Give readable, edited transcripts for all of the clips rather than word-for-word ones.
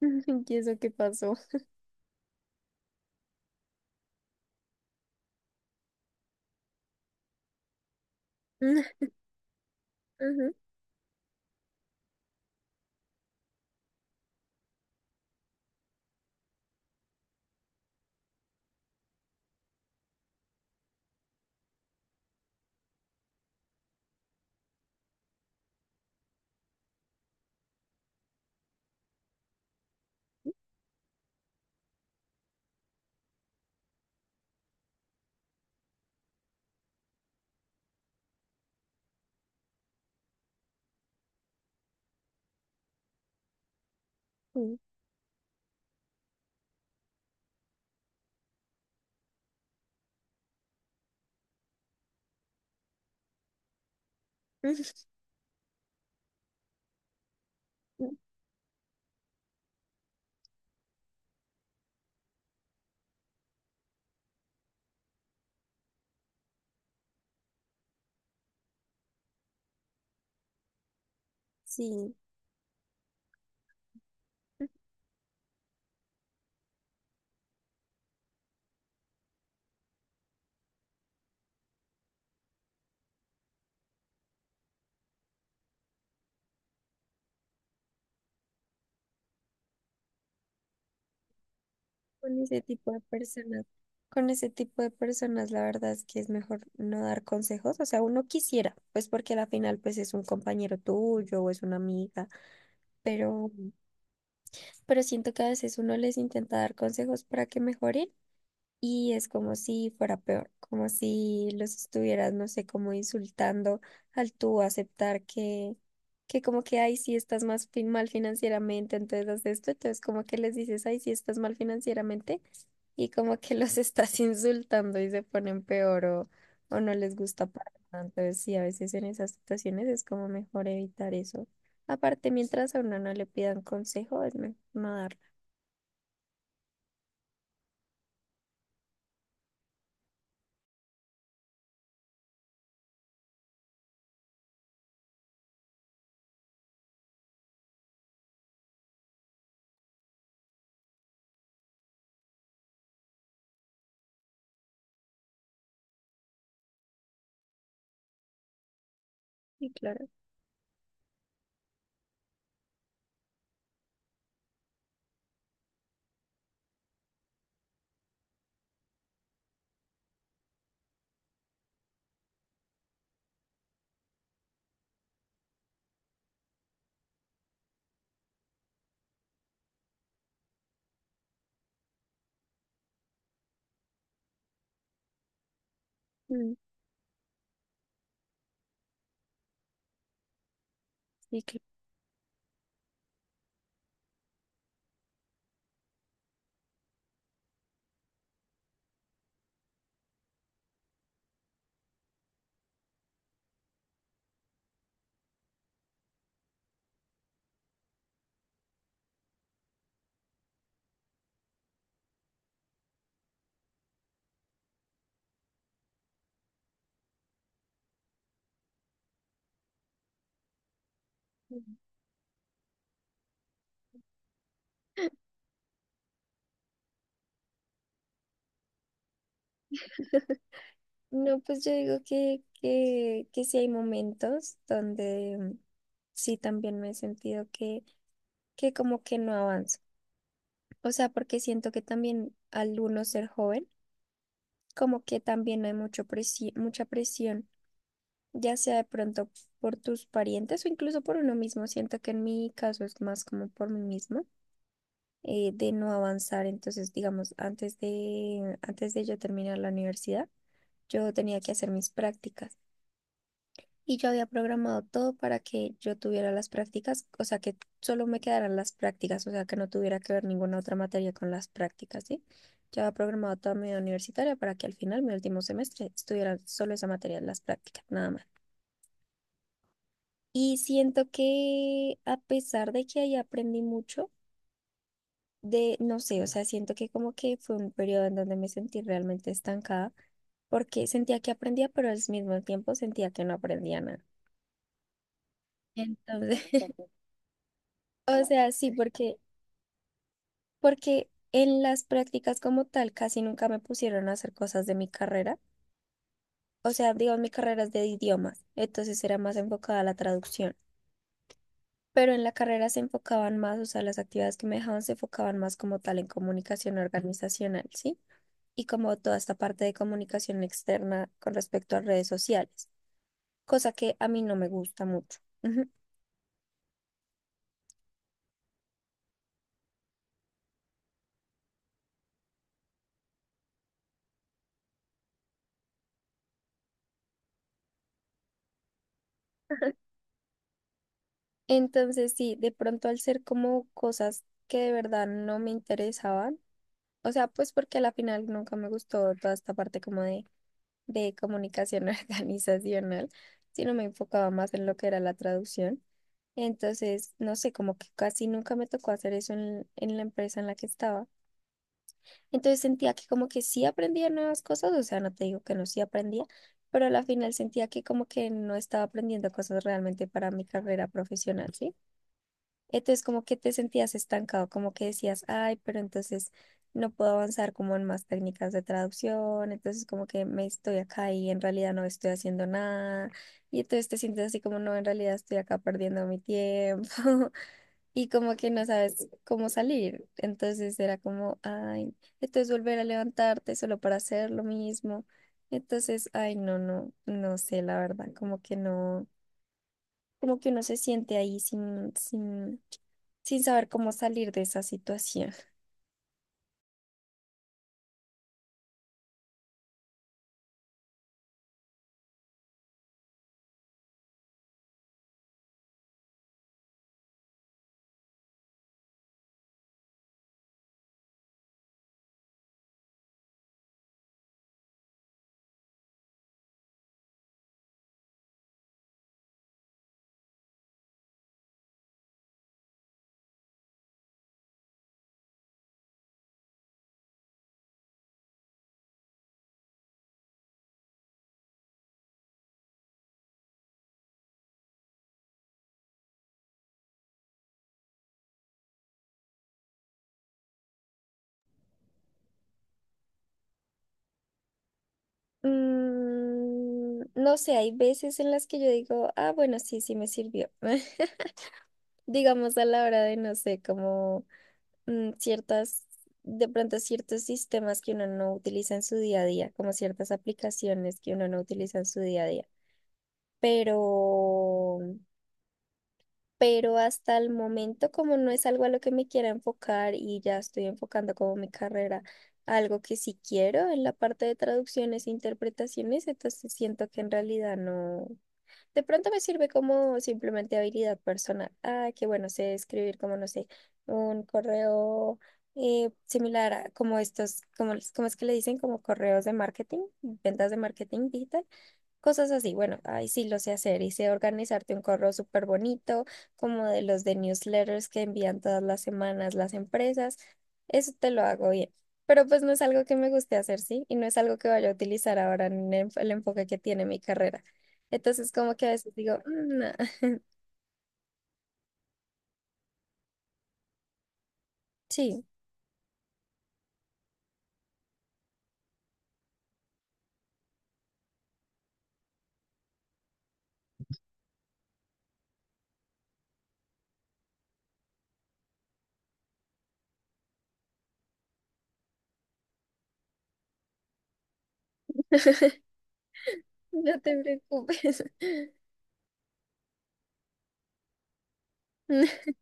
¿Y eso qué pasó? Ujú. Sí, Sí, con ese tipo de personas, con ese tipo de personas, la verdad es que es mejor no dar consejos. O sea, uno quisiera, pues porque al final pues es un compañero tuyo o es una amiga, pero, pero siento que a veces uno les intenta dar consejos para que mejoren. Y es como si fuera peor, como si los estuvieras, no sé, como insultando al tú aceptar que como que, ay, sí estás más mal financieramente, entonces haz esto, entonces como que les dices, ay, sí estás mal financieramente, y como que los estás insultando y se ponen peor o no les gusta para nada. Entonces sí, a veces en esas situaciones es como mejor evitar eso. Aparte, mientras a uno no le pidan consejo, es mejor no darla. Sí, claro. Mm, sí, claro. No, pues yo digo que, que sí hay momentos donde sí también me he sentido que como que no avanzo. O sea, porque siento que también al uno ser joven, como que también no hay mucho mucha presión, ya sea de pronto por tus parientes o incluso por uno mismo. Siento que en mi caso es más como por mí mismo, de no avanzar. Entonces, digamos, antes de yo terminar la universidad, yo tenía que hacer mis prácticas. Y yo había programado todo para que yo tuviera las prácticas, o sea, que solo me quedaran las prácticas, o sea, que no tuviera que ver ninguna otra materia con las prácticas, ¿sí? Yo había programado toda mi vida universitaria para que al final, mi último semestre, estuviera solo esa materia, las prácticas, nada más. Y siento que a pesar de que ahí aprendí mucho, no sé, o sea, siento que como que fue un periodo en donde me sentí realmente estancada, porque sentía que aprendía, pero al mismo tiempo sentía que no aprendía nada. Entonces, o sea, sí, porque en las prácticas como tal casi nunca me pusieron a hacer cosas de mi carrera. O sea, digo, mi carrera es de idiomas, entonces era más enfocada a la traducción. Pero en la carrera se enfocaban más, o sea, las actividades que me dejaban se enfocaban más como tal en comunicación organizacional, ¿sí? Y como toda esta parte de comunicación externa con respecto a redes sociales, cosa que a mí no me gusta mucho. Ujú. Entonces, sí, de pronto al ser como cosas que de verdad no me interesaban, o sea, pues porque a la final nunca me gustó toda esta parte como de comunicación organizacional, sino me enfocaba más en lo que era la traducción. Entonces, no sé, como que casi nunca me tocó hacer eso en la empresa en la que estaba. Entonces sentía que como que sí aprendía nuevas cosas, o sea, no te digo que no sí aprendía, pero a la final sentía que como que no estaba aprendiendo cosas realmente para mi carrera profesional, ¿sí? Entonces como que te sentías estancado, como que decías, ay, pero entonces no puedo avanzar como en más técnicas de traducción, entonces como que me estoy acá y en realidad no estoy haciendo nada, y entonces te sientes así como, no, en realidad estoy acá perdiendo mi tiempo, y como que no sabes cómo salir, entonces era como, ay, entonces volver a levantarte solo para hacer lo mismo, entonces, ay, no, no, no sé, la verdad, como que no, como que uno se siente ahí sin saber cómo salir de esa situación. Mm, no sé, hay veces en las que yo digo, ah, bueno, sí, sí me sirvió. Digamos a la hora no sé, como mm, ciertas, de pronto ciertos sistemas que uno no utiliza en su día a día, como ciertas aplicaciones que uno no utiliza en su día a día. Pero pero hasta el momento como no es algo a lo que me quiera enfocar y ya estoy enfocando como mi carrera, a algo que sí quiero en la parte de traducciones e interpretaciones, entonces siento que en realidad no, de pronto me sirve como simplemente habilidad personal. Ah, que bueno, sé escribir como, no sé, un correo, similar a como estos, como es que le dicen, como correos de marketing, ventas de marketing digital. Cosas así, bueno, ahí sí lo sé hacer y sé organizarte un correo súper bonito, como de los de newsletters que envían todas las semanas las empresas. Eso te lo hago bien. Pero pues no es algo que me guste hacer, ¿sí? Y no es algo que vaya a utilizar ahora en el enfoque que tiene mi carrera. Entonces, como que a veces digo, "Mm, no". Sí, no te preocupes.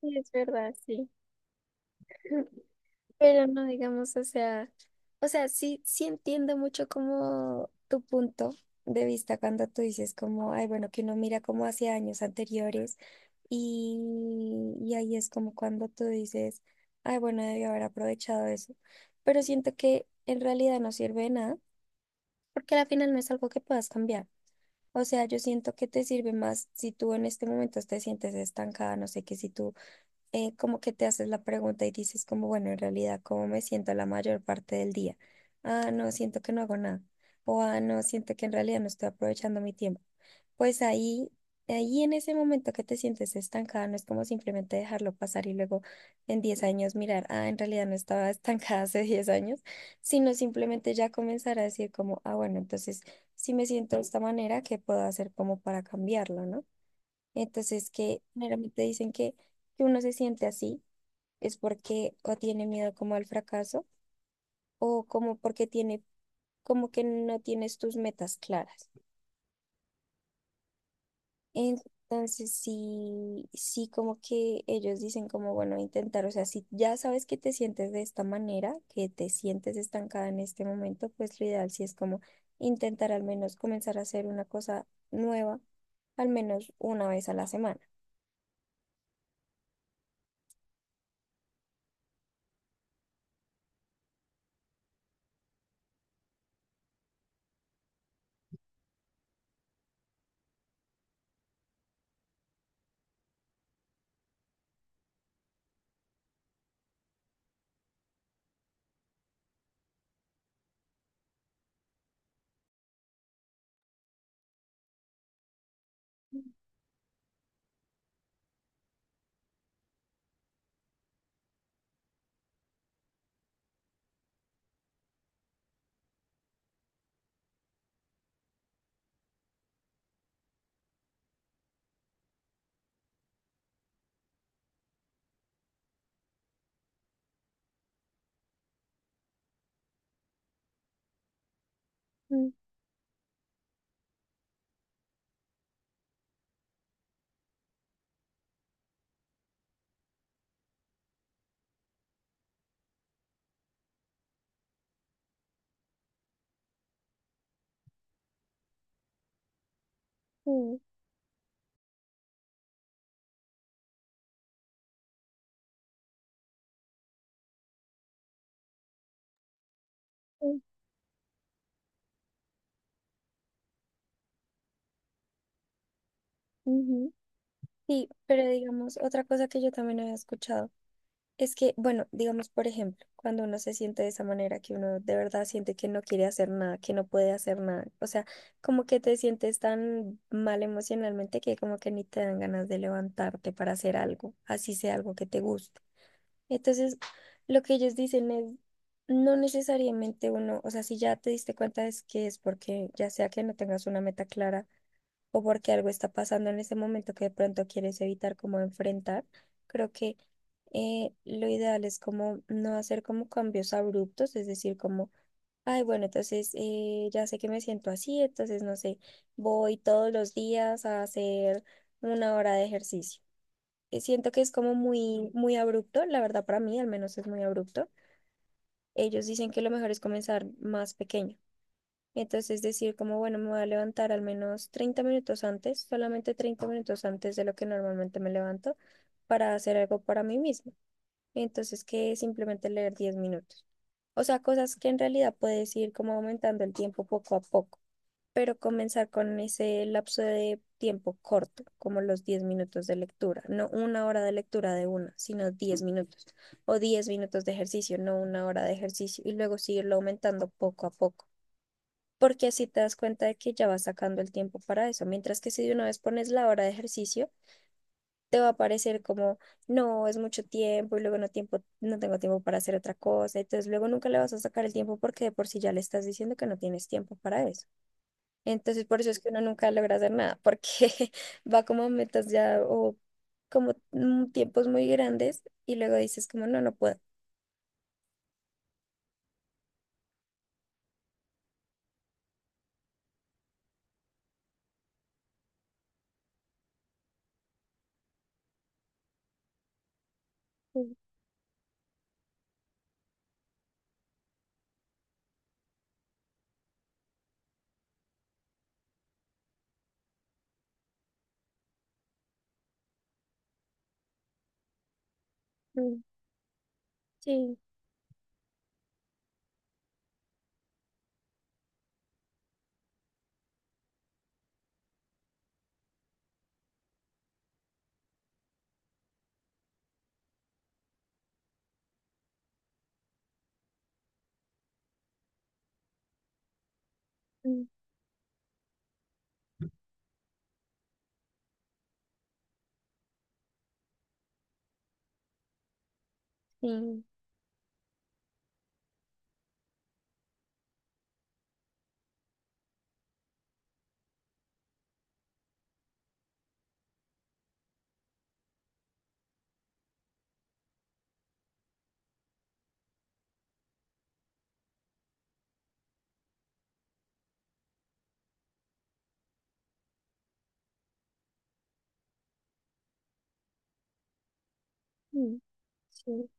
Sí, es verdad, sí. Pero no digamos, o sea, sí, sí entiendo mucho como tu punto de vista cuando tú dices como, ay, bueno, que uno mira como hacia años anteriores y, y ahí es como cuando tú dices, ay, bueno, debí haber aprovechado eso. Pero siento que en realidad no sirve de nada porque al final no es algo que puedas cambiar. O sea, yo siento que te sirve más si tú en este momento te sientes estancada, no sé, qué si tú como que te haces la pregunta y dices como, bueno, en realidad, ¿cómo me siento la mayor parte del día? Ah, no, siento que no hago nada. O, ah, no, siento que en realidad no estoy aprovechando mi tiempo. Pues ahí en ese momento que te sientes estancada, no es como simplemente dejarlo pasar y luego en 10 años mirar, ah, en realidad no estaba estancada hace 10 años, sino simplemente ya comenzar a decir como, ah, bueno, entonces, si me siento de esta manera, ¿qué puedo hacer como para cambiarlo, no? Entonces, que generalmente dicen que, uno se siente así es porque o tiene miedo como al fracaso o como porque tiene, como que no tienes tus metas claras. Entonces, sí, sí, como que ellos dicen como, bueno, intentar, o sea, si ya sabes que te sientes de esta manera, que te sientes estancada en este momento, pues lo ideal sí es como intentar al menos comenzar a hacer una cosa nueva, al menos una vez a la semana. Ujú, ujú, ujú. Sí, pero digamos, otra cosa que yo también había escuchado es que, bueno, digamos, por ejemplo, cuando uno se siente de esa manera, que uno de verdad siente que no quiere hacer nada, que no puede hacer nada, o sea, como que te sientes tan mal emocionalmente que como que ni te dan ganas de levantarte para hacer algo, así sea algo que te guste. Entonces, lo que ellos dicen es, no necesariamente uno, o sea, si ya te diste cuenta es que es porque ya sea que no tengas una meta clara, o porque algo está pasando en ese momento que de pronto quieres evitar como enfrentar, creo que lo ideal es como no hacer como cambios abruptos, es decir, como, ay, bueno, entonces ya sé que me siento así, entonces no sé, voy todos los días a hacer una hora de ejercicio. Siento que es como muy, muy abrupto, la verdad para mí al menos es muy abrupto. Ellos dicen que lo mejor es comenzar más pequeño. Entonces decir como, bueno, me voy a levantar al menos 30 minutos antes, solamente 30 minutos antes de lo que normalmente me levanto para hacer algo para mí mismo. Entonces que simplemente leer 10 minutos. O sea, cosas que en realidad puedes ir como aumentando el tiempo poco a poco, pero comenzar con ese lapso de tiempo corto, como los 10 minutos de lectura, no una hora de lectura de una, sino 10 minutos o 10 minutos de ejercicio, no una hora de ejercicio, y luego seguirlo aumentando poco a poco porque así te das cuenta de que ya vas sacando el tiempo para eso, mientras que si de una vez pones la hora de ejercicio, te va a parecer como, no, es mucho tiempo y luego no tengo tiempo para hacer otra cosa, entonces luego nunca le vas a sacar el tiempo porque de por sí ya le estás diciendo que no tienes tiempo para eso. Entonces por eso es que uno nunca logra hacer nada, porque va como a metas ya o como tiempos muy grandes y luego dices como, no, no puedo. Mm, mm, sí, mm, sí, mm, sí,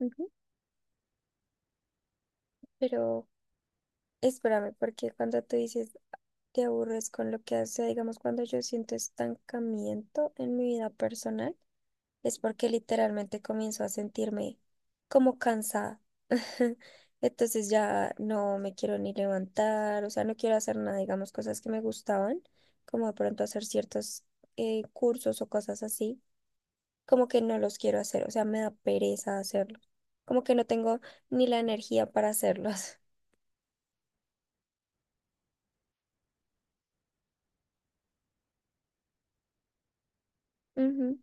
ujú. Pero Espérame, porque cuando tú dices te aburres con lo que hace, digamos, cuando yo siento estancamiento en mi vida personal, es porque literalmente comienzo a sentirme como cansada. Entonces ya no me quiero ni levantar, o sea, no quiero hacer nada, digamos, cosas que me gustaban, como de pronto hacer ciertos cursos o cosas así, como que no los quiero hacer, o sea, me da pereza hacerlos, como que no tengo ni la energía para hacerlos. Ujú.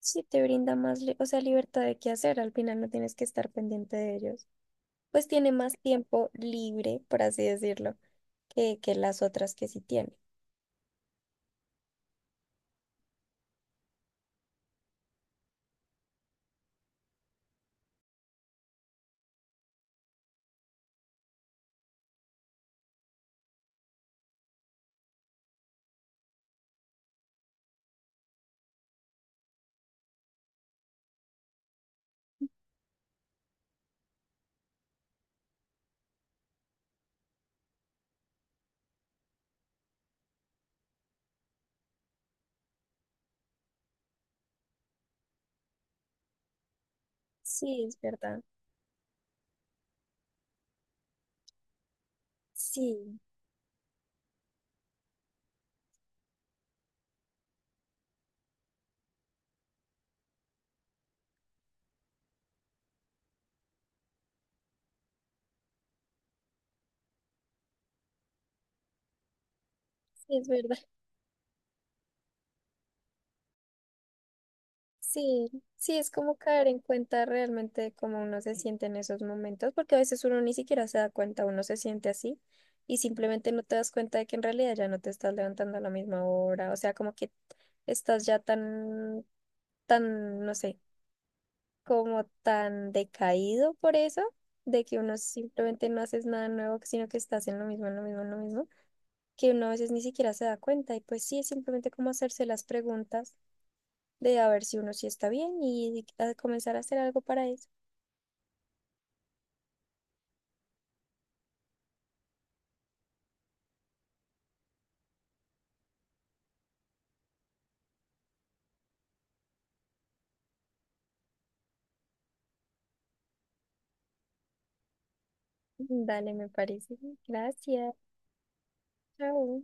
Sí, te brinda más, o sea, libertad de qué hacer, al final no tienes que estar pendiente de ellos. Pues tiene más tiempo libre, por así decirlo, que las otras que sí tiene. Sí, es verdad. Sí, sí, es verdad. Sí, sí, es como caer en cuenta realmente de cómo uno se siente en esos momentos, porque a veces uno ni siquiera se da cuenta, uno se siente así y simplemente no te das cuenta de que en realidad ya no te estás levantando a la misma hora, o sea, como que estás ya tan, tan, no sé, como tan decaído por eso, de que uno simplemente no haces nada nuevo, sino que estás en lo mismo, en lo mismo, en lo mismo, que uno a veces ni siquiera se da cuenta. Y pues sí, es simplemente como hacerse las preguntas de a ver si uno sí está bien y a comenzar a hacer algo para eso. Dale, me parece. Gracias. Chao.